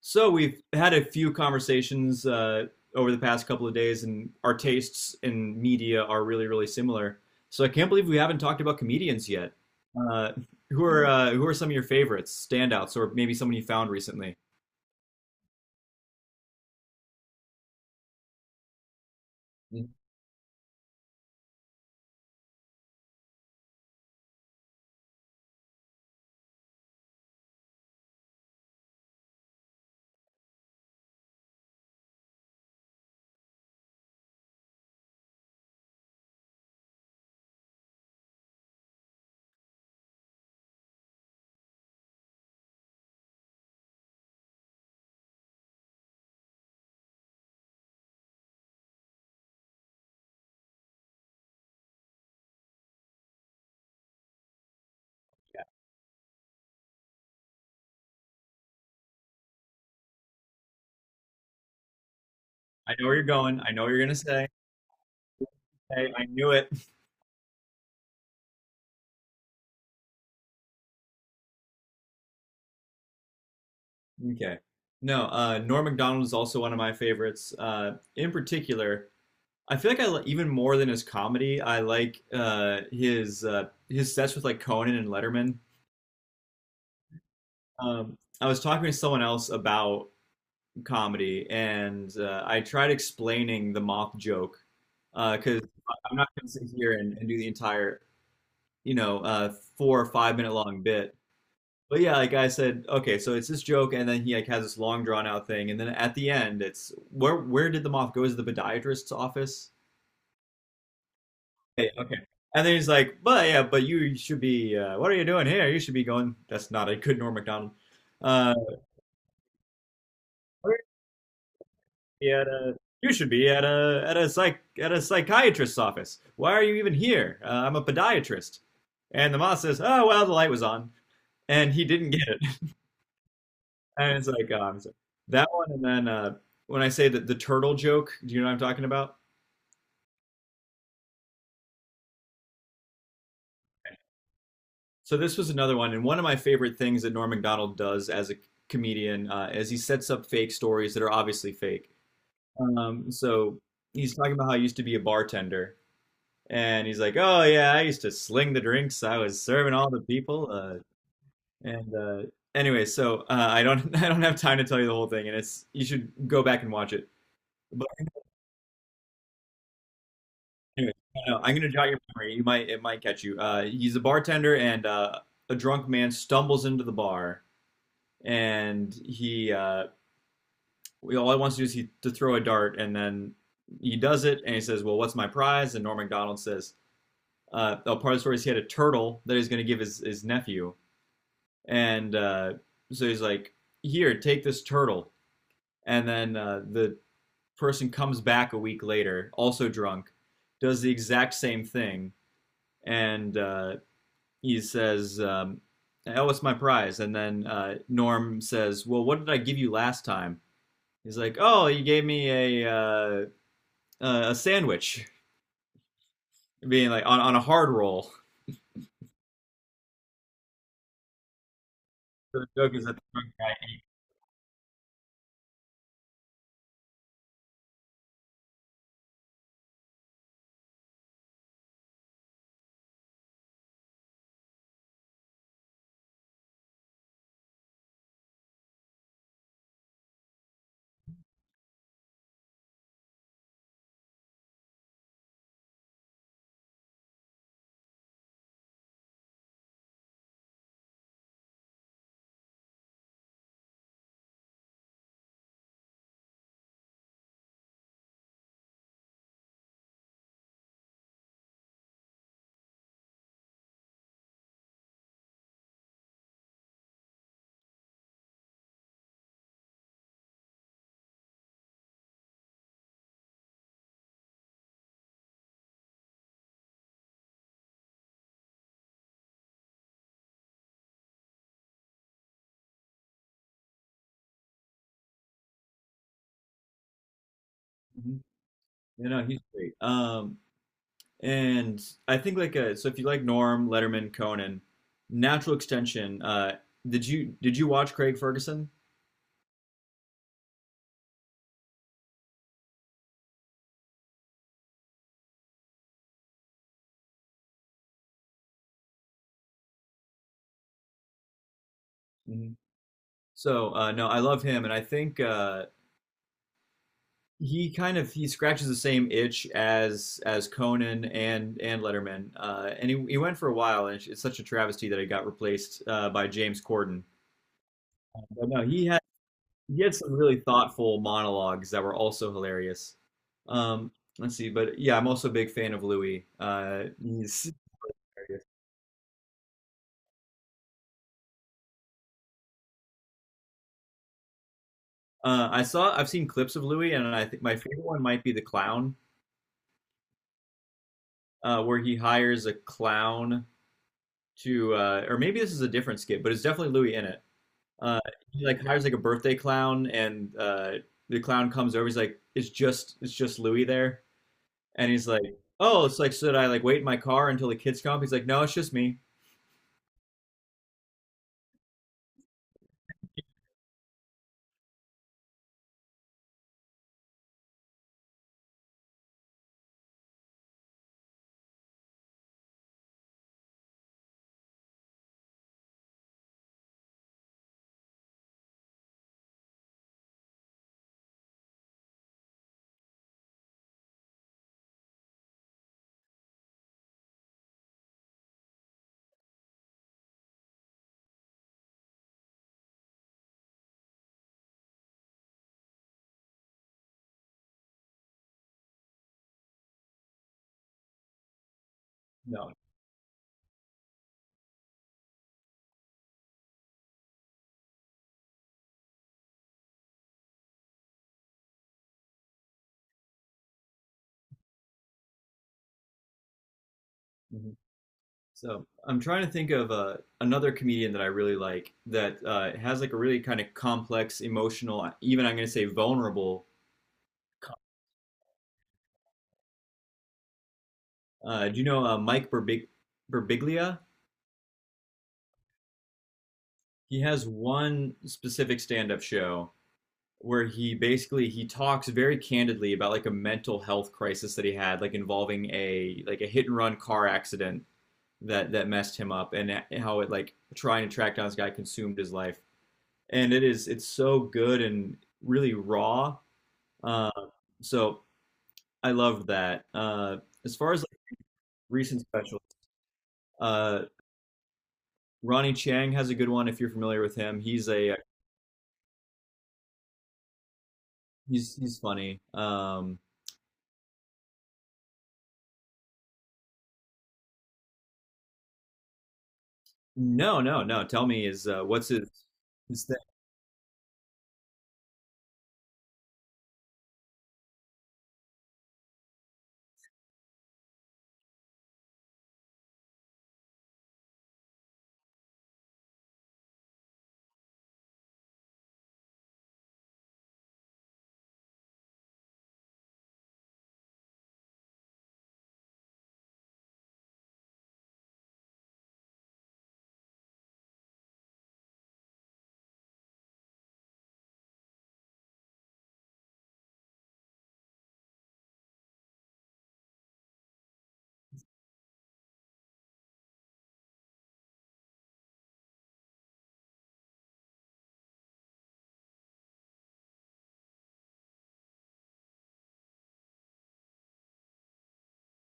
So we've had a few conversations over the past couple of days, and our tastes in media are really, really similar. So I can't believe we haven't talked about comedians yet. Uh, who are some of your favorites, standouts, or maybe someone you found recently? Mhm. I know where you're going. I know what you're gonna say. Hey, I knew it. Okay. No, Norm Macdonald is also one of my favorites. In particular, I feel like even more than his comedy, I like his sets with like Conan and Letterman. I was talking to someone else about comedy, and I tried explaining the moth joke because I'm not going to sit here and do the entire, you know, 4 or 5 minute long bit. But yeah, like I said, okay, so it's this joke, and then he like has this long drawn out thing, and then at the end, it's where did the moth go? Is it the podiatrist's office? Hey, okay. And then he's like, but yeah, but you should be. What are you doing here? You should be going. That's not a good Norm Macdonald. Uh, be at a you should be at a psychiatrist's office. Why are you even here? I'm a podiatrist." And the moth says, "Oh well, the light was on," and he didn't get it. And it's like oh, I that one. And then when I say that the turtle joke, do you know what I'm talking about? So this was another one, and one of my favorite things that Norm Macdonald does as a comedian is he sets up fake stories that are obviously fake. So he's talking about how he used to be a bartender. And he's like, "Oh yeah, I used to sling the drinks. I was serving all the people." And anyway, so I don't I don't have time to tell you the whole thing, and it's you should go back and watch it. But anyway, no, no, I'm gonna jog your memory. You might it might catch you. He's a bartender, and a drunk man stumbles into the bar, and he all he wants to do is he to throw a dart, and then he does it, and he says, "Well, what's my prize?" And Norm Macdonald says, "Oh, part of the story is he had a turtle that he's gonna give his nephew." and So he's like, "Here, take this turtle." And then the person comes back a week later, also drunk, does the exact same thing, and he says, "Oh, what's my prize?" And then Norm says, "Well, what did I give you last time?" He's like, "Oh, you gave me a uh, a sandwich, being like on a hard roll." So the joke is that the drunk, mm-hmm. You know, he's great. And I think like if you like Norm, Letterman, Conan, Natural Extension, did you watch Craig Ferguson? Mhm. So no, I love him and I think he kind of he scratches the same itch as Conan and Letterman, and he went for a while, and it's such a travesty that he got replaced by James Corden. But no, he had some really thoughtful monologues that were also hilarious. Um, let's see, but yeah, I'm also a big fan of Louis. He's hilarious. I've seen clips of Louis, and I think my favorite one might be the clown, where he hires a clown to, or maybe this is a different skit, but it's definitely Louis in it. Uh, he like hires like a birthday clown, and the clown comes over. He's like, it's just Louis there," and he's like, "Oh, it's like should I like wait in my car until the kids come? Up?" He's like, "No, it's just me." No. Mhm. So I'm trying to think of another comedian that I really like that has like a really kind of complex, emotional, even I'm going to say vulnerable. Do you know Mike Birbig Birbiglia? He has one specific stand-up show where he talks very candidly about like a mental health crisis that he had, like involving a like a hit and run car accident that that messed him up, and how it like trying to track down this guy consumed his life. And it's so good and really raw. Uh, so I loved that. As far as like recent specials, uh, Ronnie Chang has a good one if you're familiar with him. He's he's funny. No, no, no. Tell me, is what's his thing?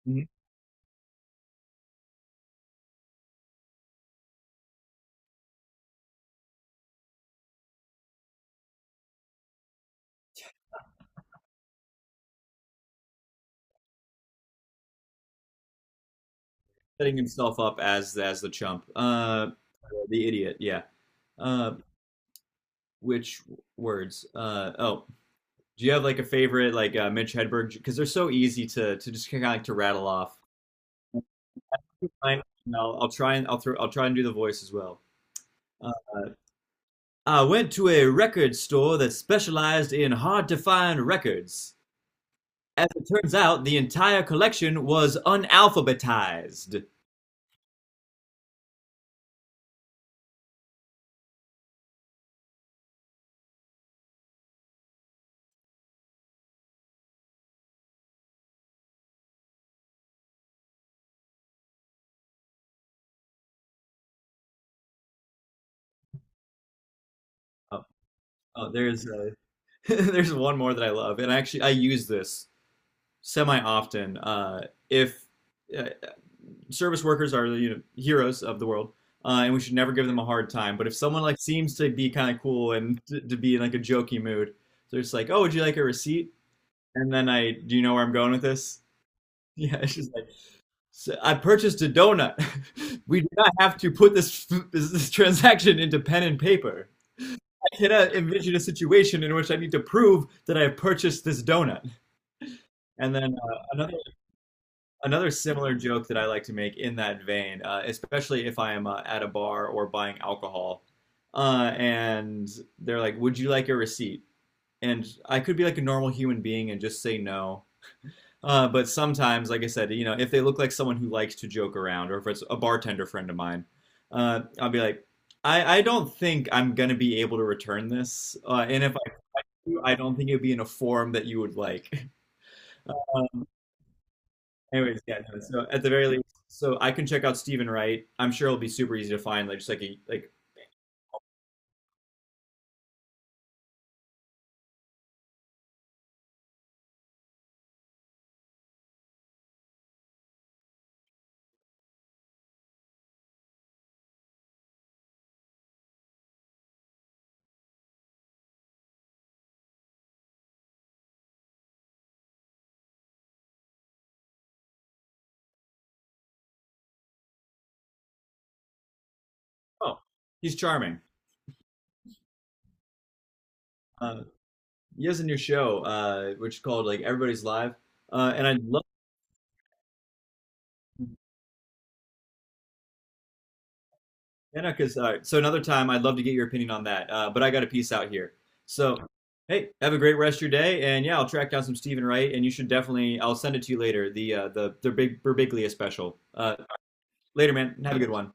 Mhm. Setting himself up as the chump, the idiot. Yeah. Uh, which words? Oh, do you have like a favorite like Mitch Hedberg? Because they're so easy to just kind of like to rattle off. Mine, I'll throw I'll try and do the voice as well. I went to a record store that specialized in hard-to-find records. As it turns out, the entire collection was unalphabetized. Oh, oh there's there's one more that I love, and actually I use this semi often. If uh, service workers are, you know, heroes of the world, and we should never give them a hard time. But if someone like seems to be kind of cool and to be in like a jokey mood, they're just like, "Oh, would you like a receipt?" And then do you know where I'm going with this? Yeah, it's just like, so I purchased a donut. We do not have to put this transaction into pen and paper. I cannot envision a situation in which I need to prove that I have purchased this donut. And then another another similar joke that I like to make in that vein, especially if I am at a bar or buying alcohol, and they're like, "Would you like a receipt?" And I could be like a normal human being and just say no. But sometimes, like I said, you know, if they look like someone who likes to joke around, or if it's a bartender friend of mine, I'll be like, I don't think I'm gonna be able to return this, and if I do, I don't think it'd be in a form that you would like. Uh, anyways, yeah. No, so at the very least, so I can check out Stephen Wright. I'm sure it'll be super easy to find. Like just like a, like oh, he's charming. Uh, he has a new show, which is called like Everybody's Live, and I love. Yeah, no, because all right. So another time, I'd love to get your opinion on that. But I got a piece out here. So, hey, have a great rest of your day, and yeah, I'll track down some Stephen Wright, and you should definitely. I'll send it to you later. The the big Berbiglia special. Later, man. Have a good one.